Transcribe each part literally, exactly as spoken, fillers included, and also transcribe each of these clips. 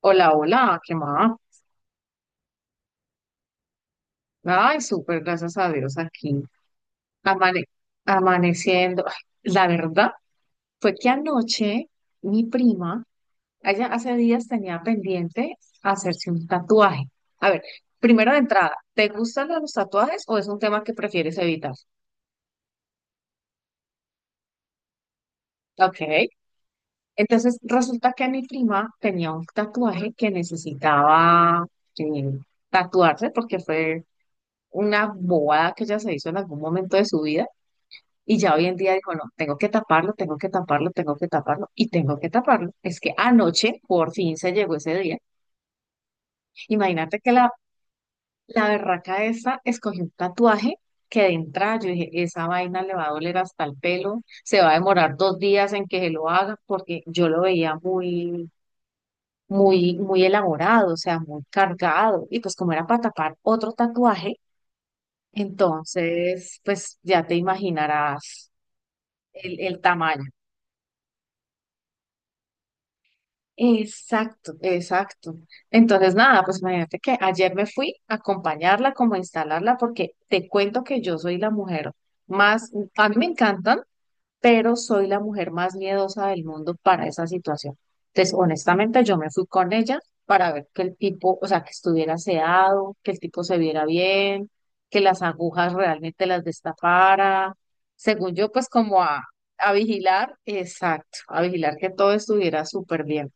Hola, hola, ¿qué más? Ay, súper, gracias a Dios aquí. Amane- Amaneciendo. Ay, la verdad fue que anoche mi prima, ella hace días tenía pendiente hacerse un tatuaje. A ver, primero de entrada, ¿te gustan los tatuajes o es un tema que prefieres evitar? Ok. Entonces resulta que mi prima tenía un tatuaje que necesitaba eh, tatuarse porque fue una bobada que ella se hizo en algún momento de su vida. Y ya hoy en día digo, no, tengo que taparlo, tengo que taparlo, tengo que taparlo y tengo que taparlo. Es que anoche por fin se llegó ese día. Imagínate que la, la berraca esa escogió un tatuaje que de entrada yo dije, esa vaina le va a doler hasta el pelo, se va a demorar dos días en que se lo haga, porque yo lo veía muy, muy, muy elaborado, o sea, muy cargado. Y pues como era para tapar otro tatuaje, entonces, pues ya te imaginarás el, el tamaño. Exacto, exacto. Entonces, nada, pues imagínate que ayer me fui a acompañarla, como a instalarla, porque te cuento que yo soy la mujer más, a mí me encantan, pero soy la mujer más miedosa del mundo para esa situación. Entonces, honestamente, yo me fui con ella para ver que el tipo, o sea, que estuviera sedado, que el tipo se viera bien, que las agujas realmente las destapara. Según yo, pues como a, a vigilar, exacto, a vigilar que todo estuviera súper bien.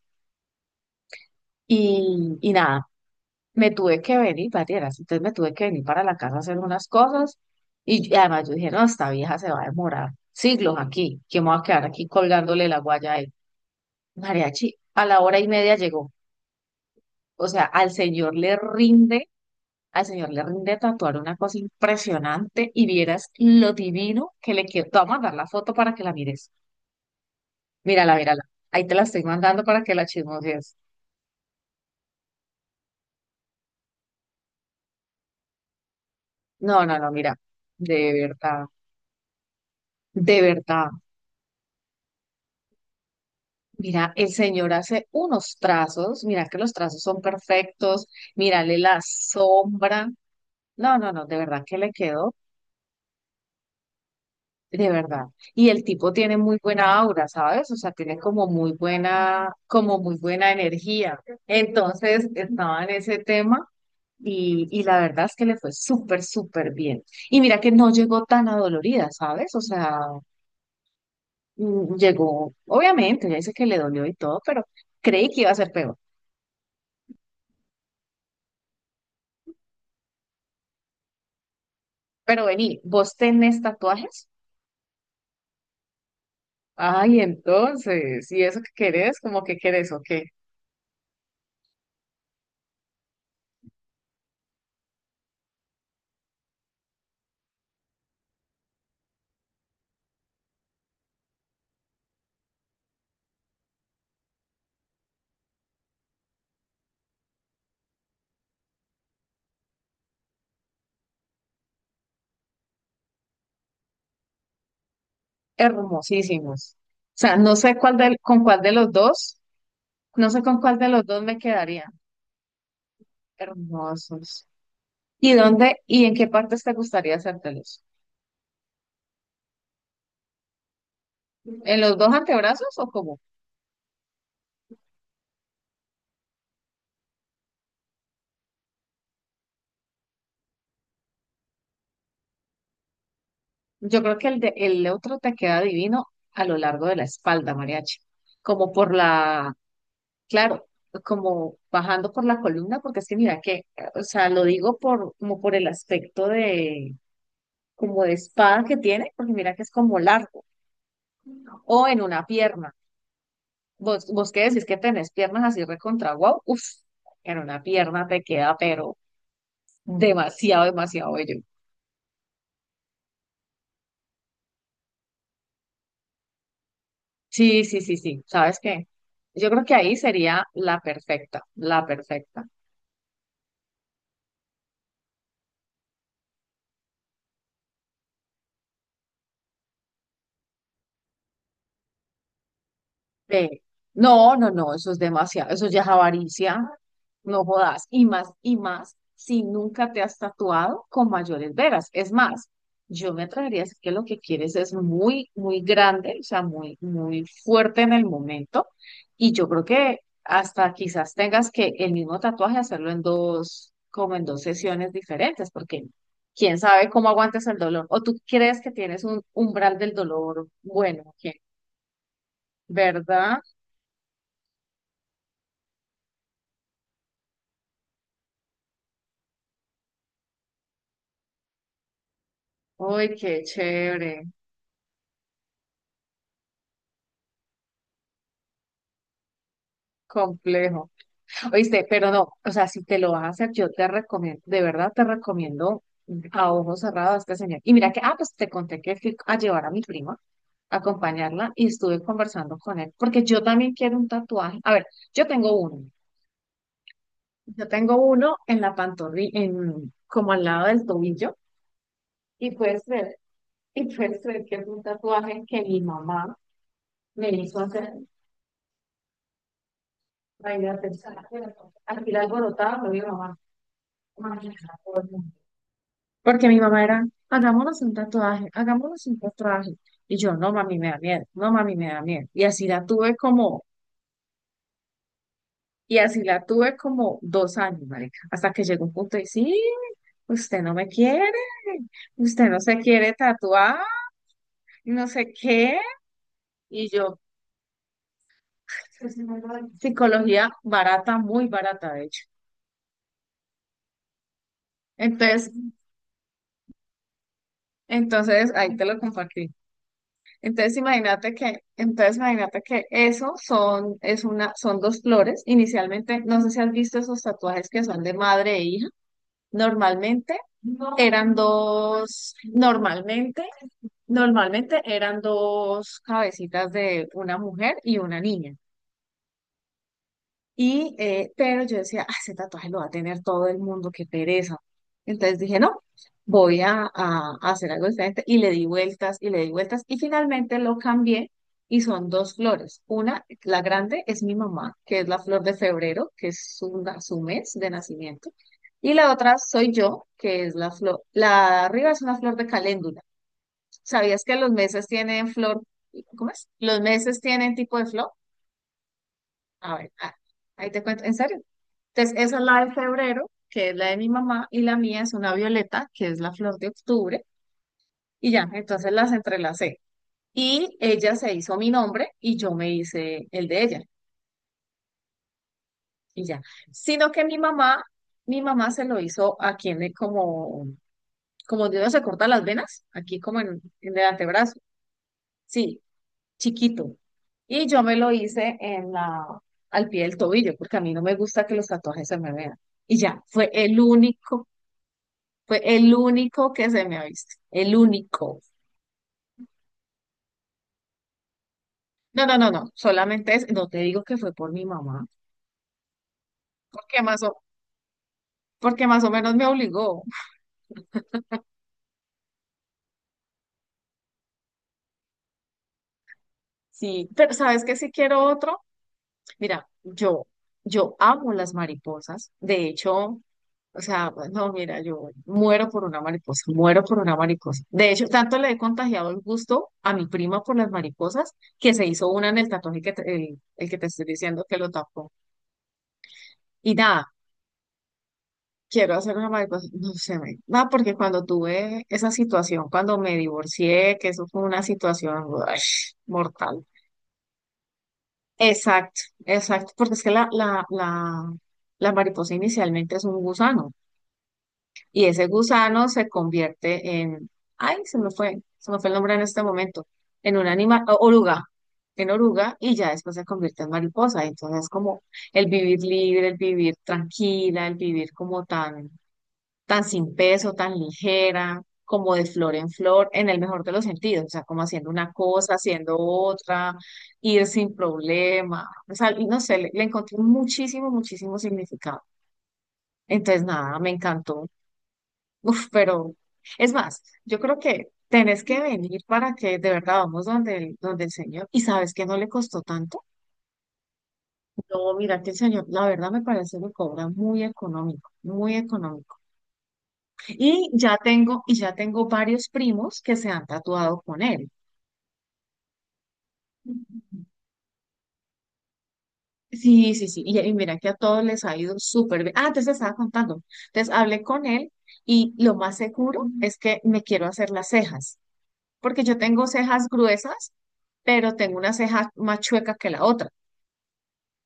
Y, y nada, me tuve que venir, varias, entonces me tuve que venir para la casa a hacer unas cosas y, y además yo dije, no, esta vieja se va a demorar siglos aquí, que me voy a quedar aquí colgándole la guaya a él. Mariachi, a la hora y media llegó, o sea, al señor le rinde, al señor le rinde tatuar una cosa impresionante, y vieras lo divino que le quiero. Te voy a mandar la foto para que la mires, mírala, mírala, ahí te la estoy mandando para que la chismosees. No, no, no, mira, de verdad. De verdad, mira, el señor hace unos trazos, mira que los trazos son perfectos, mírale la sombra. No, no, no, de verdad que le quedó, de verdad. Y el tipo tiene muy buena aura, ¿sabes? O sea, tiene como muy buena, como muy buena energía. Entonces, estaba en ese tema y, y la verdad es que le fue súper, súper bien. Y mira que no llegó tan adolorida, ¿sabes? O sea, mm, llegó, obviamente, ya dice que le dolió y todo, pero creí que iba a ser peor. Pero vení, ¿vos tenés tatuajes? Ay, entonces, ¿y eso que querés? ¿Cómo que querés o qué? Hermosísimos. O sea, no sé cuál del- con cuál de los dos, no sé con cuál de los dos me quedaría. Hermosos. ¿Y dónde y en qué partes te gustaría hacértelos? ¿En los dos antebrazos o cómo? Yo creo que el de, el otro te queda divino a lo largo de la espalda, mariachi. Como por la, claro, como bajando por la columna, porque es que mira que, eh, o sea, lo digo por, como por el aspecto de, como de espada que tiene, porque mira que es como largo, o en una pierna. Vos, vos qué decís que tenés piernas así recontra guau, uff, en una pierna te queda, pero demasiado, demasiado bello. Sí, sí, sí, sí, ¿sabes qué? Yo creo que ahí sería la perfecta, la perfecta. Ve, no, no, no, eso es demasiado, eso ya es avaricia, no jodas, y más, y más, si nunca te has tatuado con mayores veras, es más, yo me atrevería a decir que lo que quieres es muy, muy grande, o sea, muy, muy fuerte en el momento, y yo creo que hasta quizás tengas que el mismo tatuaje hacerlo en dos, como en dos sesiones diferentes, porque quién sabe cómo aguantes el dolor, o tú crees que tienes un umbral del dolor. Bueno, ¿quién? ¿Verdad? Uy, qué chévere, complejo. Oíste, pero no, o sea, si te lo vas a hacer, yo te recomiendo, de verdad te recomiendo a ojos cerrados a este señor. Y mira que, ah, pues te conté que fui a llevar a mi prima, a acompañarla, y estuve conversando con él, porque yo también quiero un tatuaje. A ver, yo tengo uno, yo tengo uno en la pantorrilla, en, como al lado del tobillo, y puedes ver, y puedes ver que es un tatuaje que mi mamá me hizo hacer. Imagínate, al final alborotada, fue mi mamá. Porque mi mamá era, hagámonos un tatuaje, hagámonos un tatuaje. Y yo, no, mami, me da miedo, no, mami, me da miedo. Y así la tuve como, y así la tuve como dos años, marica, hasta que llegó un punto y, sí, usted no me quiere, usted no se quiere tatuar, y no sé qué. Y yo, psicología barata, muy barata, de hecho. Entonces, entonces ahí te lo compartí. Entonces imagínate que, entonces imagínate que eso son, es una, son dos flores. Inicialmente, no sé si has visto esos tatuajes que son de madre e hija. Normalmente eran dos, normalmente, normalmente eran dos cabecitas de una mujer y una niña. Y, eh, pero yo decía, ah, ese tatuaje lo va a tener todo el mundo, qué pereza. Entonces dije, no, voy a, a- a hacer algo diferente. Y le di vueltas y le di vueltas. Y finalmente lo cambié y son dos flores. Una, la grande, es mi mamá, que es la flor de febrero, que es su, na- su mes de nacimiento. Y la otra soy yo, que es la flor. La de arriba es una flor de caléndula. ¿Sabías que los meses tienen flor? ¿Cómo es? ¿Los meses tienen tipo de flor? A ver, ah, ahí te cuento. ¿En serio? Entonces, esa es la de febrero, que es la de mi mamá, y la mía es una violeta, que es la flor de octubre, y ya, entonces las entrelacé. Y ella se hizo mi nombre y yo me hice el de ella, y ya. Sino que mi mamá, mi mamá se lo hizo aquí en el- como, como donde uno se corta las venas, aquí como en, en el antebrazo, sí, chiquito. Y yo me lo hice en la, al pie del tobillo, porque a mí no me gusta que los tatuajes se me vean. Y ya, fue el único. Fue el único que se me ha visto, el único. No, no, no, no, solamente es, no te digo que fue por mi mamá, porque más o, porque más o menos me obligó. Sí. Pero ¿sabes qué? Si quiero otro, mira, yo, yo amo las mariposas. De hecho, o sea, no, mira, yo muero por una mariposa, muero por una mariposa. De hecho, tanto le he contagiado el gusto a mi prima por las mariposas, que se hizo una en el tatuaje que te- el, el que te estoy diciendo que lo tapó. Y nada, quiero hacer una mariposa, no sé, me- no, porque cuando tuve esa situación, cuando me divorcié, que eso fue una situación uah, mortal. Exacto, exacto, porque es que la, la, la, la mariposa inicialmente es un gusano, y ese gusano se convierte en, ay, se me fue, se me fue el nombre en este momento, en un animal, o- oruga, en oruga, y ya después se convierte en mariposa. Entonces es como el vivir libre, el vivir tranquila, el vivir como tan tan sin peso, tan ligera, como de flor en flor, en el mejor de los sentidos, o sea, como haciendo una cosa, haciendo otra, ir sin problema, o sea, y no sé, le, le encontré muchísimo, muchísimo significado. Entonces, nada, me encantó. Uf, pero es más, yo creo que tenés que venir para que de verdad vamos donde el, donde el señor, y sabes que no le costó tanto. No, mira que el señor, la verdad me parece que cobra muy económico, muy económico. Y ya tengo, y ya tengo varios primos que se han tatuado con él. Sí, sí, sí. Y, y mira que a todos les ha ido súper bien. Ah, entonces te estaba contando. Entonces hablé con él, y lo más seguro es que me quiero hacer las cejas, porque yo tengo cejas gruesas, pero tengo una ceja más chueca que la otra.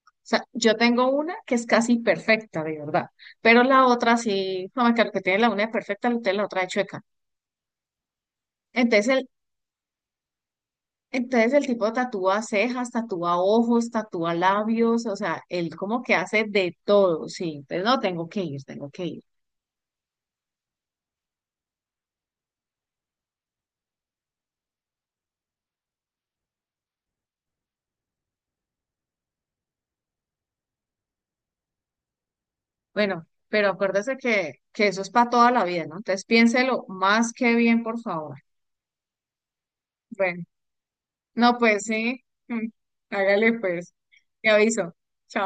O sea, yo tengo una que es casi perfecta, de verdad, pero la otra sí, no me acuerdo que tiene la una de perfecta, la otra de chueca. Entonces, Entonces el tipo tatúa cejas, tatúa ojos, tatúa labios, o sea, él como que hace de todo, sí. Entonces no, tengo que ir, tengo que ir. Bueno, pero acuérdese que, que eso es para toda la vida, ¿no? Entonces piénselo más que bien, por favor. Bueno, no, pues sí, mm, hágale pues, te aviso. Chao.